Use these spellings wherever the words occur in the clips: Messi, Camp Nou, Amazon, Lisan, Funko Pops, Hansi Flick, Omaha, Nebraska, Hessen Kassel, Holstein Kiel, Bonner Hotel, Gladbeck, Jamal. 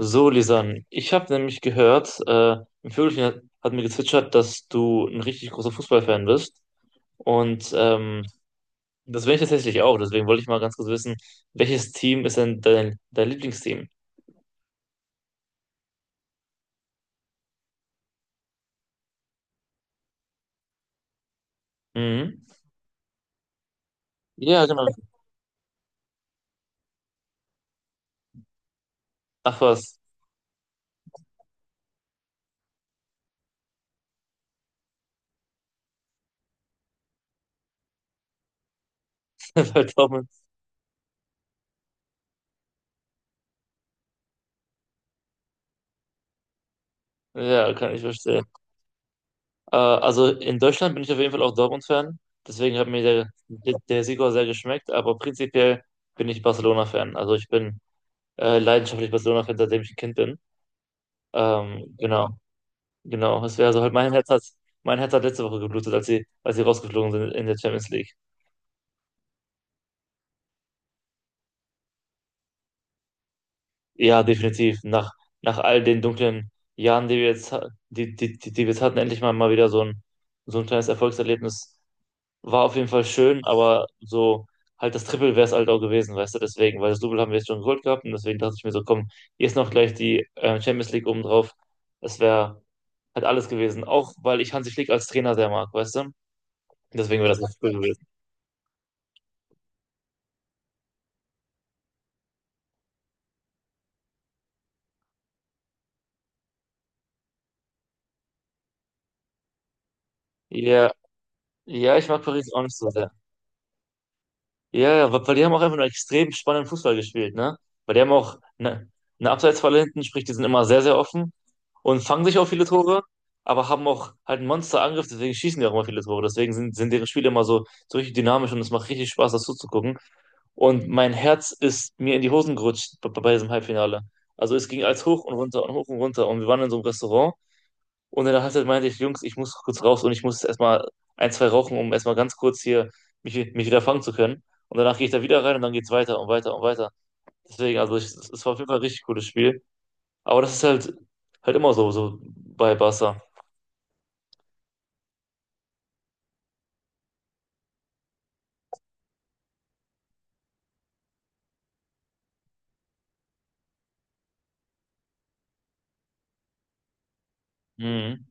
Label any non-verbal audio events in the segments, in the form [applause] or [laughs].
So, Lisan, ich habe nämlich gehört, ein Vögelchen hat, mir gezwitschert, dass du ein richtig großer Fußballfan bist. Und ähm, Das bin ich tatsächlich auch. Deswegen wollte ich mal ganz kurz wissen, welches Team ist denn dein Lieblingsteam? Mhm. Ja, genau. Ach was, [laughs] bei Dortmund. Ja, kann ich verstehen. Also in Deutschland bin ich auf jeden Fall auch Dortmund-Fan. Deswegen hat mir der Sieg auch sehr geschmeckt. Aber prinzipiell bin ich Barcelona-Fan. Also ich bin leidenschaftlich Barcelona-Fan, seitdem ich ein Kind bin. Ähm, genau. Genau, es wäre also halt, mein Herz hat letzte Woche geblutet, als sie rausgeflogen sind in der Champions League. Ja, definitiv. Nach all den dunklen Jahren, die wir jetzt, die wir jetzt hatten, endlich mal wieder so ein kleines Erfolgserlebnis. War auf jeden Fall schön, aber so halt das Triple wäre es halt auch gewesen, weißt du, deswegen, weil das Double haben wir jetzt schon geholt gehabt und deswegen dachte ich mir so, komm, hier ist noch gleich die Champions League obendrauf. Das wäre halt alles gewesen. Auch weil ich Hansi Flick als Trainer sehr mag, weißt du? Deswegen wäre das echt cool gewesen. Ja, ja, ich mag Paris auch nicht so sehr. Ja, ja, weil die haben auch einfach nur extrem spannenden Fußball gespielt, ne? Weil die haben auch eine Abseitsfalle hinten, sprich, die sind immer sehr, sehr offen und fangen sich auch viele Tore, aber haben auch halt einen Monsterangriff, deswegen schießen die auch immer viele Tore. Deswegen sind deren Spiele immer so, so richtig dynamisch und es macht richtig Spaß, das zuzugucken. Und mein Herz ist mir in die Hosen gerutscht bei diesem Halbfinale. Also es ging als hoch und runter und hoch und runter und wir waren in so einem Restaurant und in der Halbzeit meinte ich, Jungs, ich muss kurz raus und ich muss erstmal ein, zwei rauchen, um erstmal ganz kurz hier mich wieder fangen zu können. Und danach gehe ich da wieder rein und dann geht's weiter und weiter und weiter. Deswegen, es war auf jeden Fall ein richtig cooles Spiel. Aber das ist halt immer so, so bei Barca. Mhm.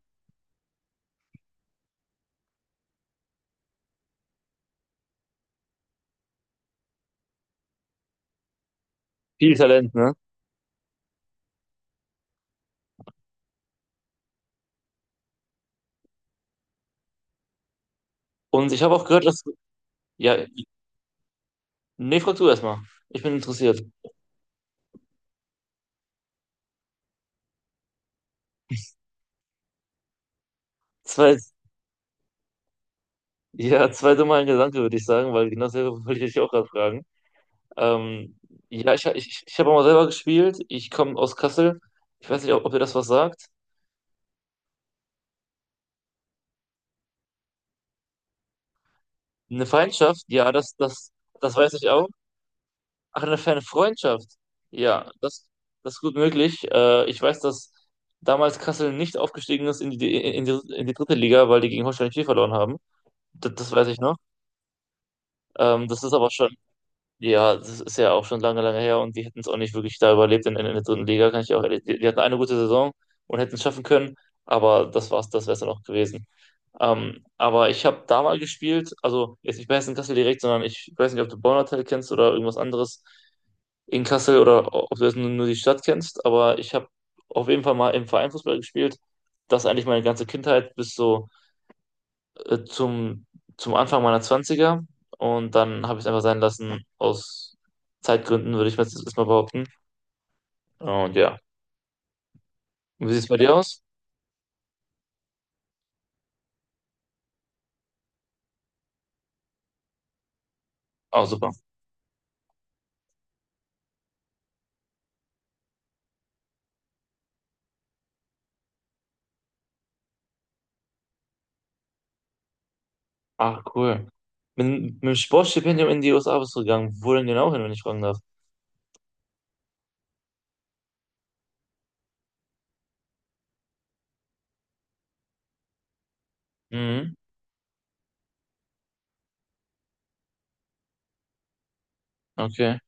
Viel Talent, ne? Und ich habe auch gehört, dass. Ja, nee, frag du erstmal. Ich bin interessiert. Zwei, ja, zwei dumme Gedanke, würde ich sagen, weil genau selber wollte ich dich auch gerade fragen. Ähm, ich habe auch mal selber gespielt. Ich komme aus Kassel. Ich weiß nicht, ob ihr das was sagt. Eine Feindschaft, ja, das weiß ich auch. Ach, eine ferne Freundschaft. Ja, das ist gut möglich. Ich weiß, dass damals Kassel nicht aufgestiegen ist in die dritte Liga, weil die gegen Holstein Kiel verloren haben. Das weiß ich noch. Das ist aber schon Ja, das ist ja auch schon lange, lange her und die hätten es auch nicht wirklich da überlebt der dritten Liga, kann ich auch ehrlich. Die hatten eine gute Saison und hätten es schaffen können, aber das war's, das wäre es dann auch gewesen. Aber ich habe da mal gespielt, also jetzt nicht bei Hessen Kassel direkt, sondern ich weiß nicht, ob du Bonner Hotel kennst oder irgendwas anderes in Kassel oder ob du jetzt nur die Stadt kennst, aber ich habe auf jeden Fall mal im Verein Fußball gespielt. Das eigentlich meine ganze Kindheit bis so äh, zum, zum Anfang meiner Zwanziger und dann habe ich es einfach sein lassen aus Zeitgründen, würde ich mir jetzt erstmal behaupten. Und ja. Wie sieht es bei dir aus? Oh, super. Ach, cool. Mit, mit dem Sportstipendium in die USA bist du gegangen. Wo denn genau hin, wenn ich fragen darf? Mhm, okay.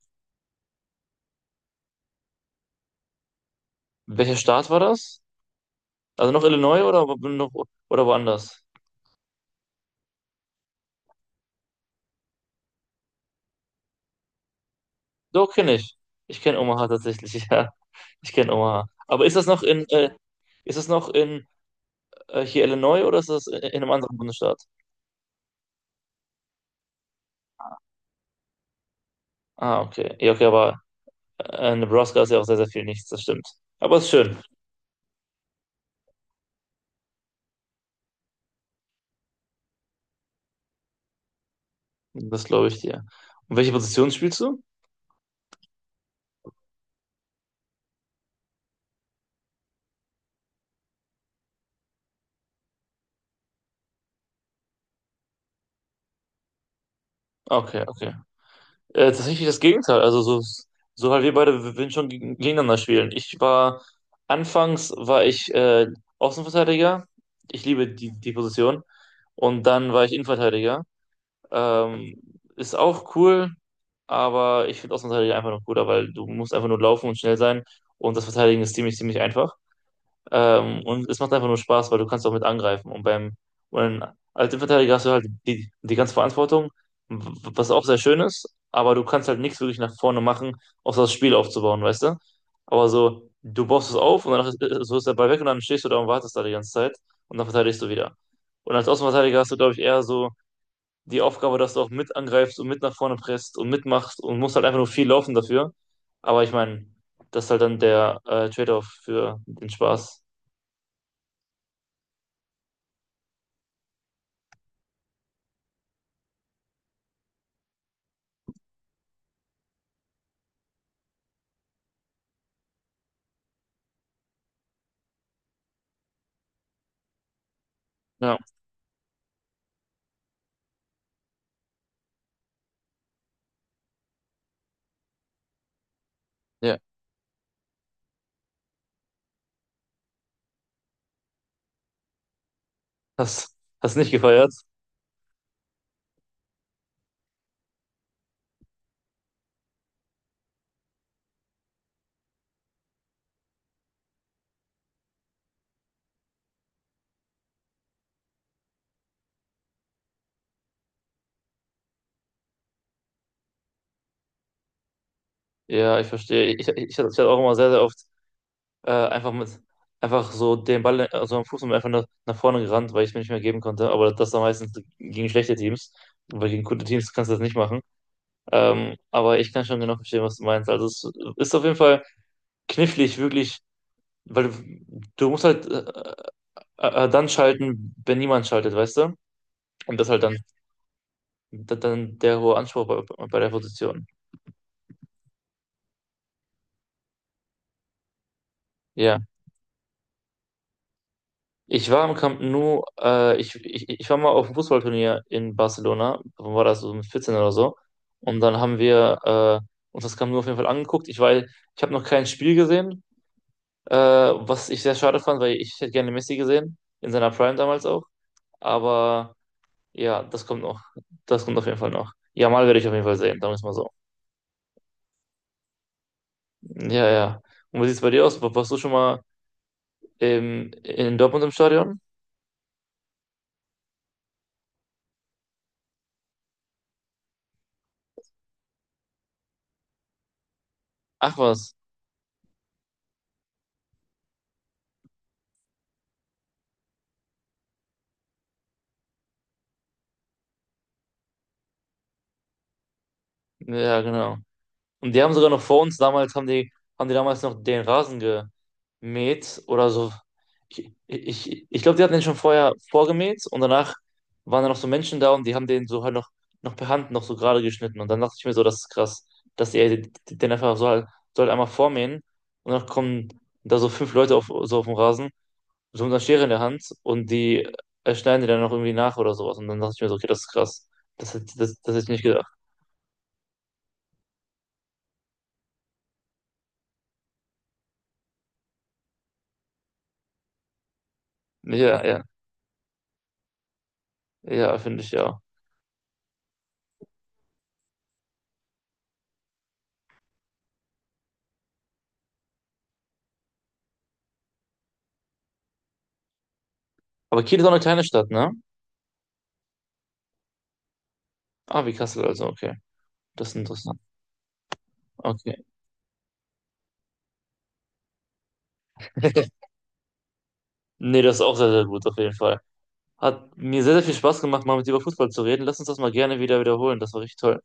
Welcher Staat war das? Also noch Illinois oder woanders? Doch, kenne ich. Ich kenne Omaha tatsächlich, [laughs] ja. Ich kenne Omaha. Aber ist das noch in, ist das noch in hier Illinois oder ist das in einem anderen Bundesstaat? Ah, okay. Ja, okay, aber Nebraska ist ja auch sehr, sehr viel nichts, das stimmt. Aber ist schön, das glaube ich dir. Und welche Position spielst du? Okay, okay. Tatsächlich das Gegenteil. Also so, so halt wir beide wir würden schon gegeneinander spielen. Anfangs war ich Außenverteidiger. Ich liebe die Position. Und dann war ich Innenverteidiger. Ähm, ist auch cool, aber ich finde Außenverteidiger einfach noch cooler, weil du musst einfach nur laufen und schnell sein. Und das Verteidigen ist ziemlich, ziemlich einfach. Und es macht einfach nur Spaß, weil du kannst auch mit angreifen. Und als Innenverteidiger hast du halt die ganze Verantwortung, w- was auch sehr schön ist, aber du kannst halt nichts wirklich nach vorne machen, außer das Spiel aufzubauen, weißt du? Aber so, du baust es auf und so ist der Ball weg und dann stehst du da und wartest da die ganze Zeit und dann verteidigst du wieder. Und als Außenverteidiger hast du, glaube ich, eher so die Aufgabe, dass du auch mit angreifst und mit nach vorne presst und mitmachst und musst halt einfach nur viel laufen dafür. Aber ich meine, das ist halt dann der Trade-off für den Spaß. Ja. Ja, hast, hast nicht gefeiert? Ja, ich verstehe. Ich hatte auch immer sehr, sehr oft äh, einfach mit, einfach so den Ball, also am Fuß und einfach nach vorne gerannt, weil ich es mir nicht mehr geben konnte. Aber das dann meistens gegen schlechte Teams, weil gegen gute Teams kannst du das nicht machen. Aber ich kann schon genau verstehen, was du meinst. Also es ist auf jeden Fall knifflig, wirklich, weil du musst halt dann schalten, wenn niemand schaltet, weißt du? Und das ist halt dann der hohe Anspruch bei der Position. Ja. Ich war im Camp Nou, ich war mal auf einem Fußballturnier in Barcelona, wann war das so mit 14 oder so. Und dann haben wir uns das Camp Nou auf jeden Fall angeguckt. Ich habe noch kein Spiel gesehen, was ich sehr schade fand, weil ich hätte gerne Messi gesehen, in seiner Prime damals auch. Aber ja, das kommt noch. Das kommt auf jeden Fall noch. Jamal werde ich auf jeden Fall sehen, sagen wir es mal so. Ja, ja. Und wie sieht es bei dir aus? Warst du schon mal in Dortmund im Stadion? Ach was. Ja, genau. Und die haben sogar noch vor uns damals, haben die damals noch den Rasen gemäht oder so. Ich glaube, die hatten den schon vorher vorgemäht und danach waren da noch so Menschen da und die haben den so halt noch per Hand noch so gerade geschnitten. Und dann dachte ich mir so, das ist krass, dass die den einfach so halt einmal vormähen und dann kommen da so fünf Leute auf, so auf dem Rasen, so mit einer Schere in der Hand und die schneiden die dann noch irgendwie nach oder sowas. Und dann dachte ich mir so, okay, das ist krass. Das hätte ich nicht gedacht. Ja, ja, ja, finde ich ja. Aber Kiel ist auch eine kleine Stadt, ne? Ah, wie Kassel also, okay. Das ist interessant. Okay. [laughs] Nee, das ist auch sehr, sehr gut, auf jeden Fall. Hat mir sehr, sehr viel Spaß gemacht, mal mit dir über Fußball zu reden. Lass uns das mal gerne wieder wiederholen. Das war richtig toll.